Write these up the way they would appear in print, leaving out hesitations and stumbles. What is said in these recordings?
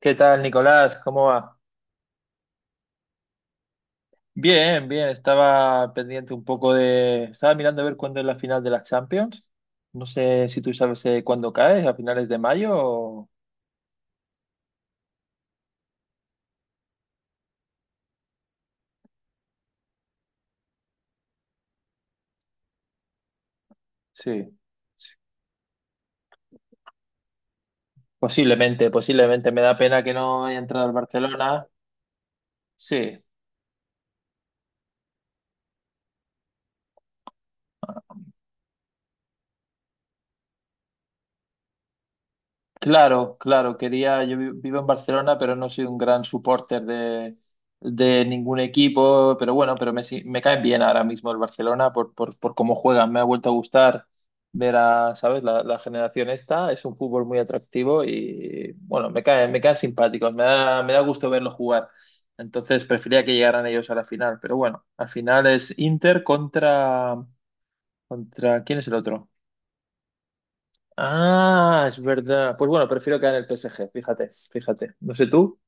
¿Qué tal, Nicolás? ¿Cómo va? Bien, bien. Estaba pendiente un poco de... Estaba mirando a ver cuándo es la final de la Champions. No sé si tú sabes cuándo cae, a finales de mayo o... Sí, posiblemente, posiblemente. Me da pena que no haya entrado al Barcelona. Sí, claro, claro, quería, vivo en Barcelona, pero no soy un gran supporter de ningún equipo, pero bueno, pero me, si- me caen bien ahora mismo el Barcelona por cómo juegan, me ha vuelto a gustar ver a, ¿sabes? La generación esta, es un fútbol muy atractivo y bueno, me caen simpáticos, me da gusto verlos jugar, entonces prefería que llegaran ellos a la final, pero bueno, al final es Inter contra, contra, ¿quién es el otro? Ah, es verdad. Pues bueno, prefiero quedar en el PSG, fíjate, fíjate. No sé tú.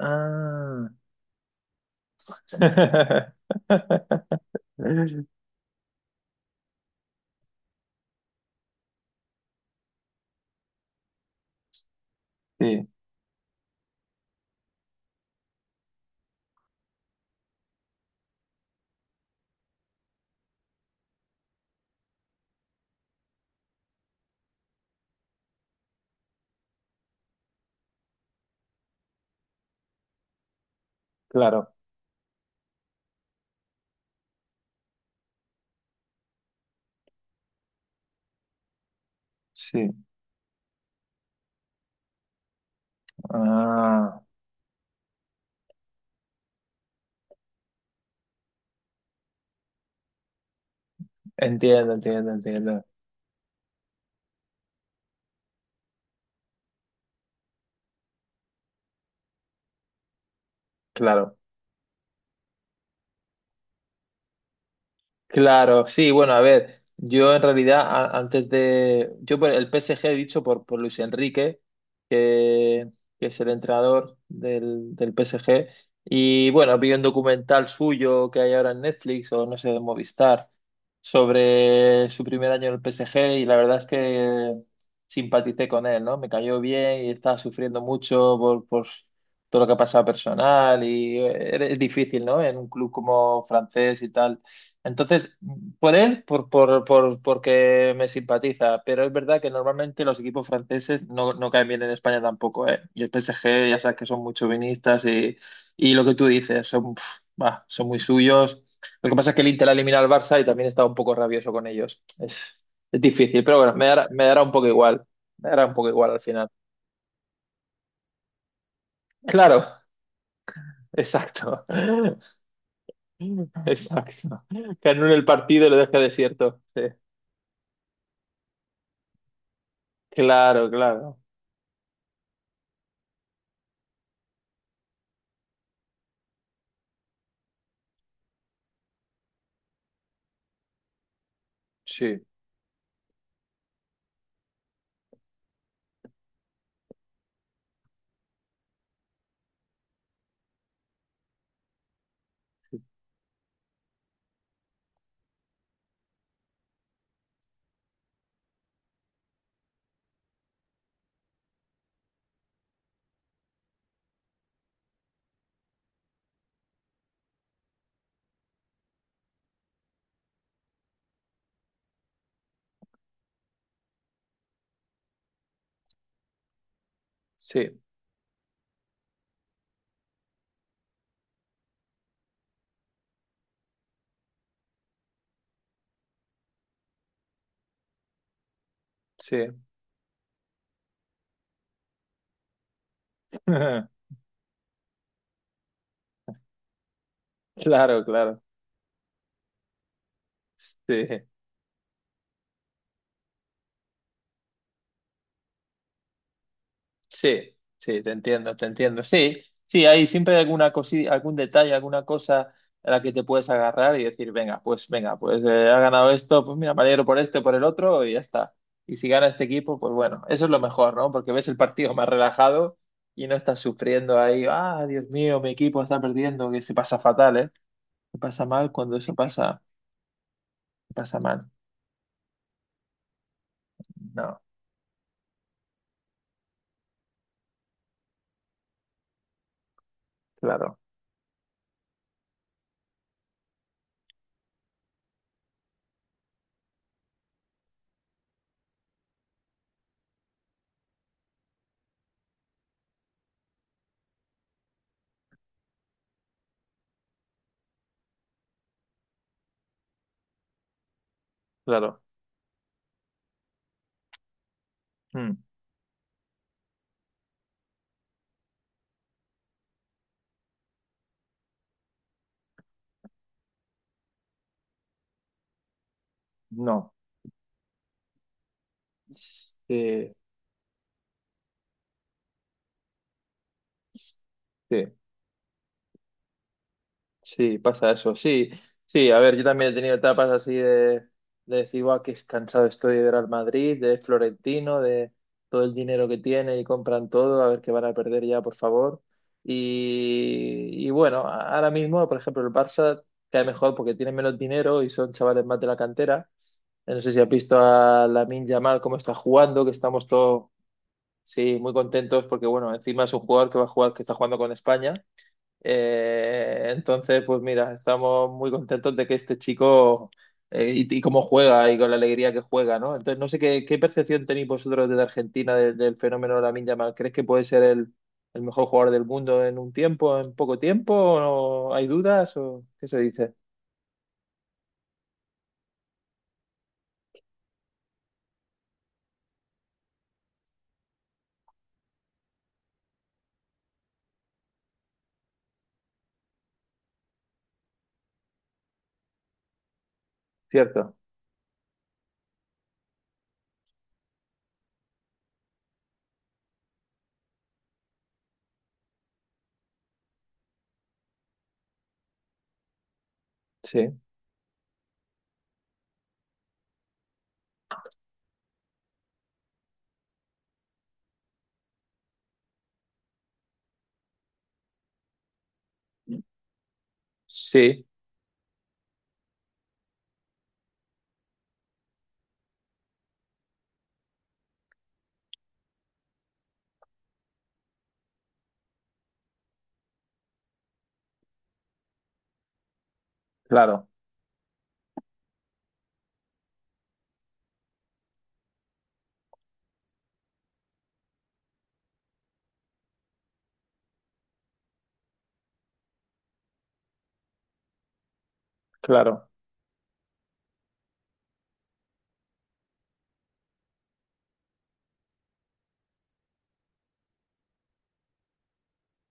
Ah. Sí, claro, sí. Ah, entiendo, entiendo, entiendo. Claro. Claro, sí, bueno, a ver, yo en realidad yo por el PSG he dicho por Luis Enrique, que, que es el entrenador del PSG, y bueno, vi un documental suyo que hay ahora en Netflix o no sé, en Movistar, sobre su primer año en el PSG y la verdad es que simpaticé con él, ¿no? Me cayó bien y estaba sufriendo mucho por todo lo que ha pasado personal y es difícil, ¿no? En un club como francés y tal. Entonces, por él, porque me simpatiza, pero es verdad que normalmente los equipos franceses no, no caen bien en España tampoco, ¿eh? Y el PSG, ya sabes que son muy chauvinistas y lo que tú dices, son, pf, bah, son muy suyos. Lo que pasa es que el Inter ha eliminado al Barça y también está un poco rabioso con ellos. Es difícil, pero bueno, me dará un poco igual. Me dará un poco igual al final. Claro, exacto. Exacto. Que anule el partido y lo deje desierto. Sí. Claro, claro. Sí. Sí, sí. Claro, claro. Sí, sí, sí, te entiendo, te entiendo. Sí, sí, hay siempre alguna cosita, algún detalle, alguna cosa a la que te puedes agarrar y decir, venga, pues venga, pues ha ganado esto, pues mira, me alegro por este, por el otro y ya está. Y si gana este equipo, pues bueno, eso es lo mejor, ¿no? Porque ves el partido más relajado y no estás sufriendo ahí, ah, Dios mío, mi equipo está perdiendo, que se pasa fatal, ¿eh? Se pasa mal cuando eso pasa, pasa mal. No, claro, claro. Mm. No. Sí, sí, sí, pasa eso. Sí, sí, a ver, yo también he tenido etapas así de decir, guau, qué cansado estoy de ver al Madrid, de Florentino, de todo el dinero que tiene y compran todo, a ver qué van a perder ya, por favor. Y bueno, ahora mismo, por ejemplo, el Barça cae mejor porque tiene menos dinero y son chavales más de la cantera. No sé si has visto a Lamine Yamal cómo está jugando, que estamos todos sí, muy contentos porque, bueno, encima es un jugador que va a jugar, que está jugando con España. Entonces, pues mira, estamos muy contentos de que este chico y cómo juega y con la alegría que juega, ¿no? Entonces, no sé qué, qué percepción tenéis vosotros desde Argentina del fenómeno Lamine Yamal. ¿Crees que puede ser el mejor jugador del mundo en un tiempo, en poco tiempo? ¿O no? ¿Hay dudas? ¿O qué se dice? ¿Cierto? Sí. Sí, claro, claro.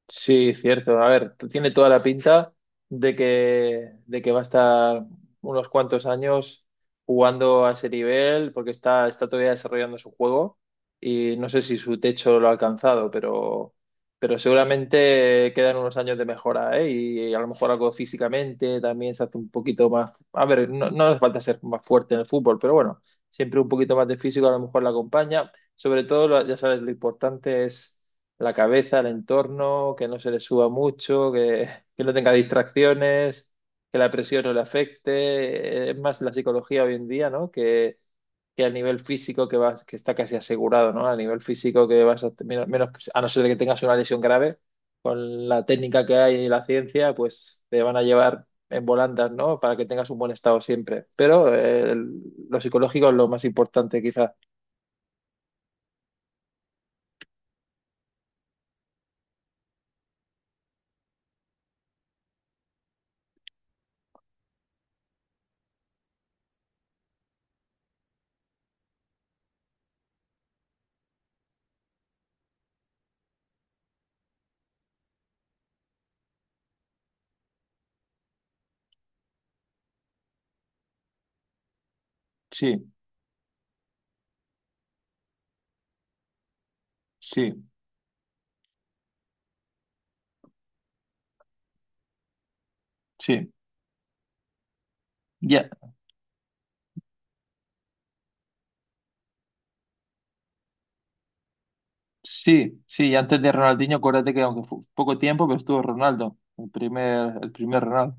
Sí, cierto. A ver, tiene toda la pinta de que va a estar unos cuantos años jugando a ese nivel, porque está, está todavía desarrollando su juego y no sé si su techo lo ha alcanzado, pero seguramente quedan unos años de mejora, ¿eh? Y a lo mejor algo físicamente también se hace un poquito más. A ver, no, no hace falta ser más fuerte en el fútbol, pero bueno, siempre un poquito más de físico a lo mejor la acompaña. Sobre todo, ya sabes, lo importante es la cabeza, el entorno, que no se le suba mucho, que no tenga distracciones, que la presión no le afecte. Es más la psicología hoy en día, ¿no? Que al nivel físico que vas, que está casi asegurado, ¿no? Al nivel físico que vas a, a no ser de que tengas una lesión grave, con la técnica que hay y la ciencia, pues te van a llevar en volandas, ¿no? Para que tengas un buen estado siempre. Pero lo psicológico es lo más importante, quizás. Sí, sí, sí. Ya, sí, sí, y antes de Ronaldinho, acuérdate que aunque fue poco tiempo, pero estuvo Ronaldo, el primer Ronaldo.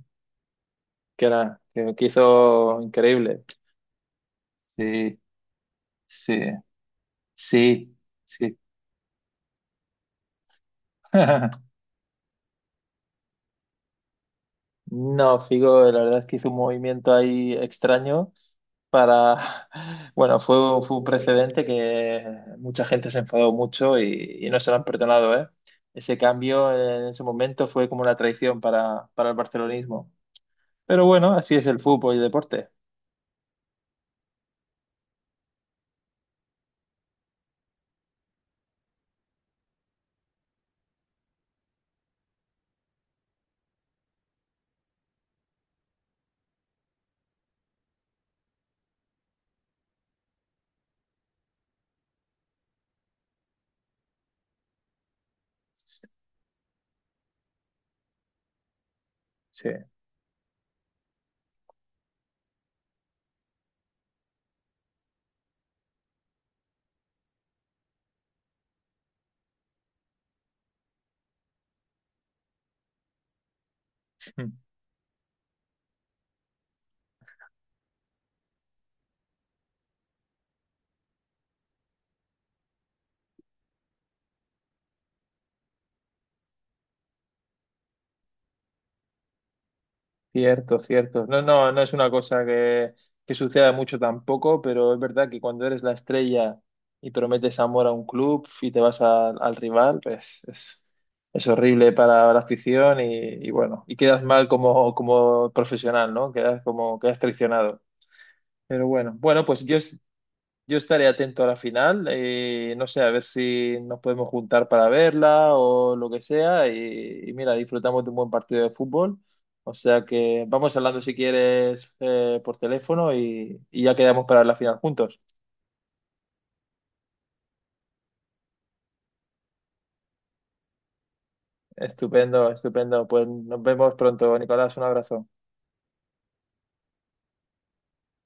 Que era, que hizo increíble. Sí, sí, sí, sí. No, Figo, la verdad es que hizo un movimiento ahí extraño para, bueno, fue, fue un precedente que mucha gente se enfadó mucho y no se lo han perdonado, ¿eh? Ese cambio en ese momento fue como una traición para el barcelonismo. Pero bueno, así es el fútbol y el deporte. Sí, cierto, cierto. No, no, no es una cosa que suceda mucho tampoco, pero es verdad que cuando eres la estrella y prometes amor a un club y te vas al rival, pues es horrible para la afición y bueno, y quedas mal como, como profesional, ¿no? Quedas como, quedas traicionado. Pero bueno, bueno, pues yo yo estaré atento a la final, no sé, a ver si nos podemos juntar para verla o lo que sea. Y mira, disfrutamos de un buen partido de fútbol. O sea que vamos hablando si quieres por teléfono y ya quedamos para la final juntos. Estupendo, estupendo. Pues nos vemos pronto, Nicolás. Un abrazo.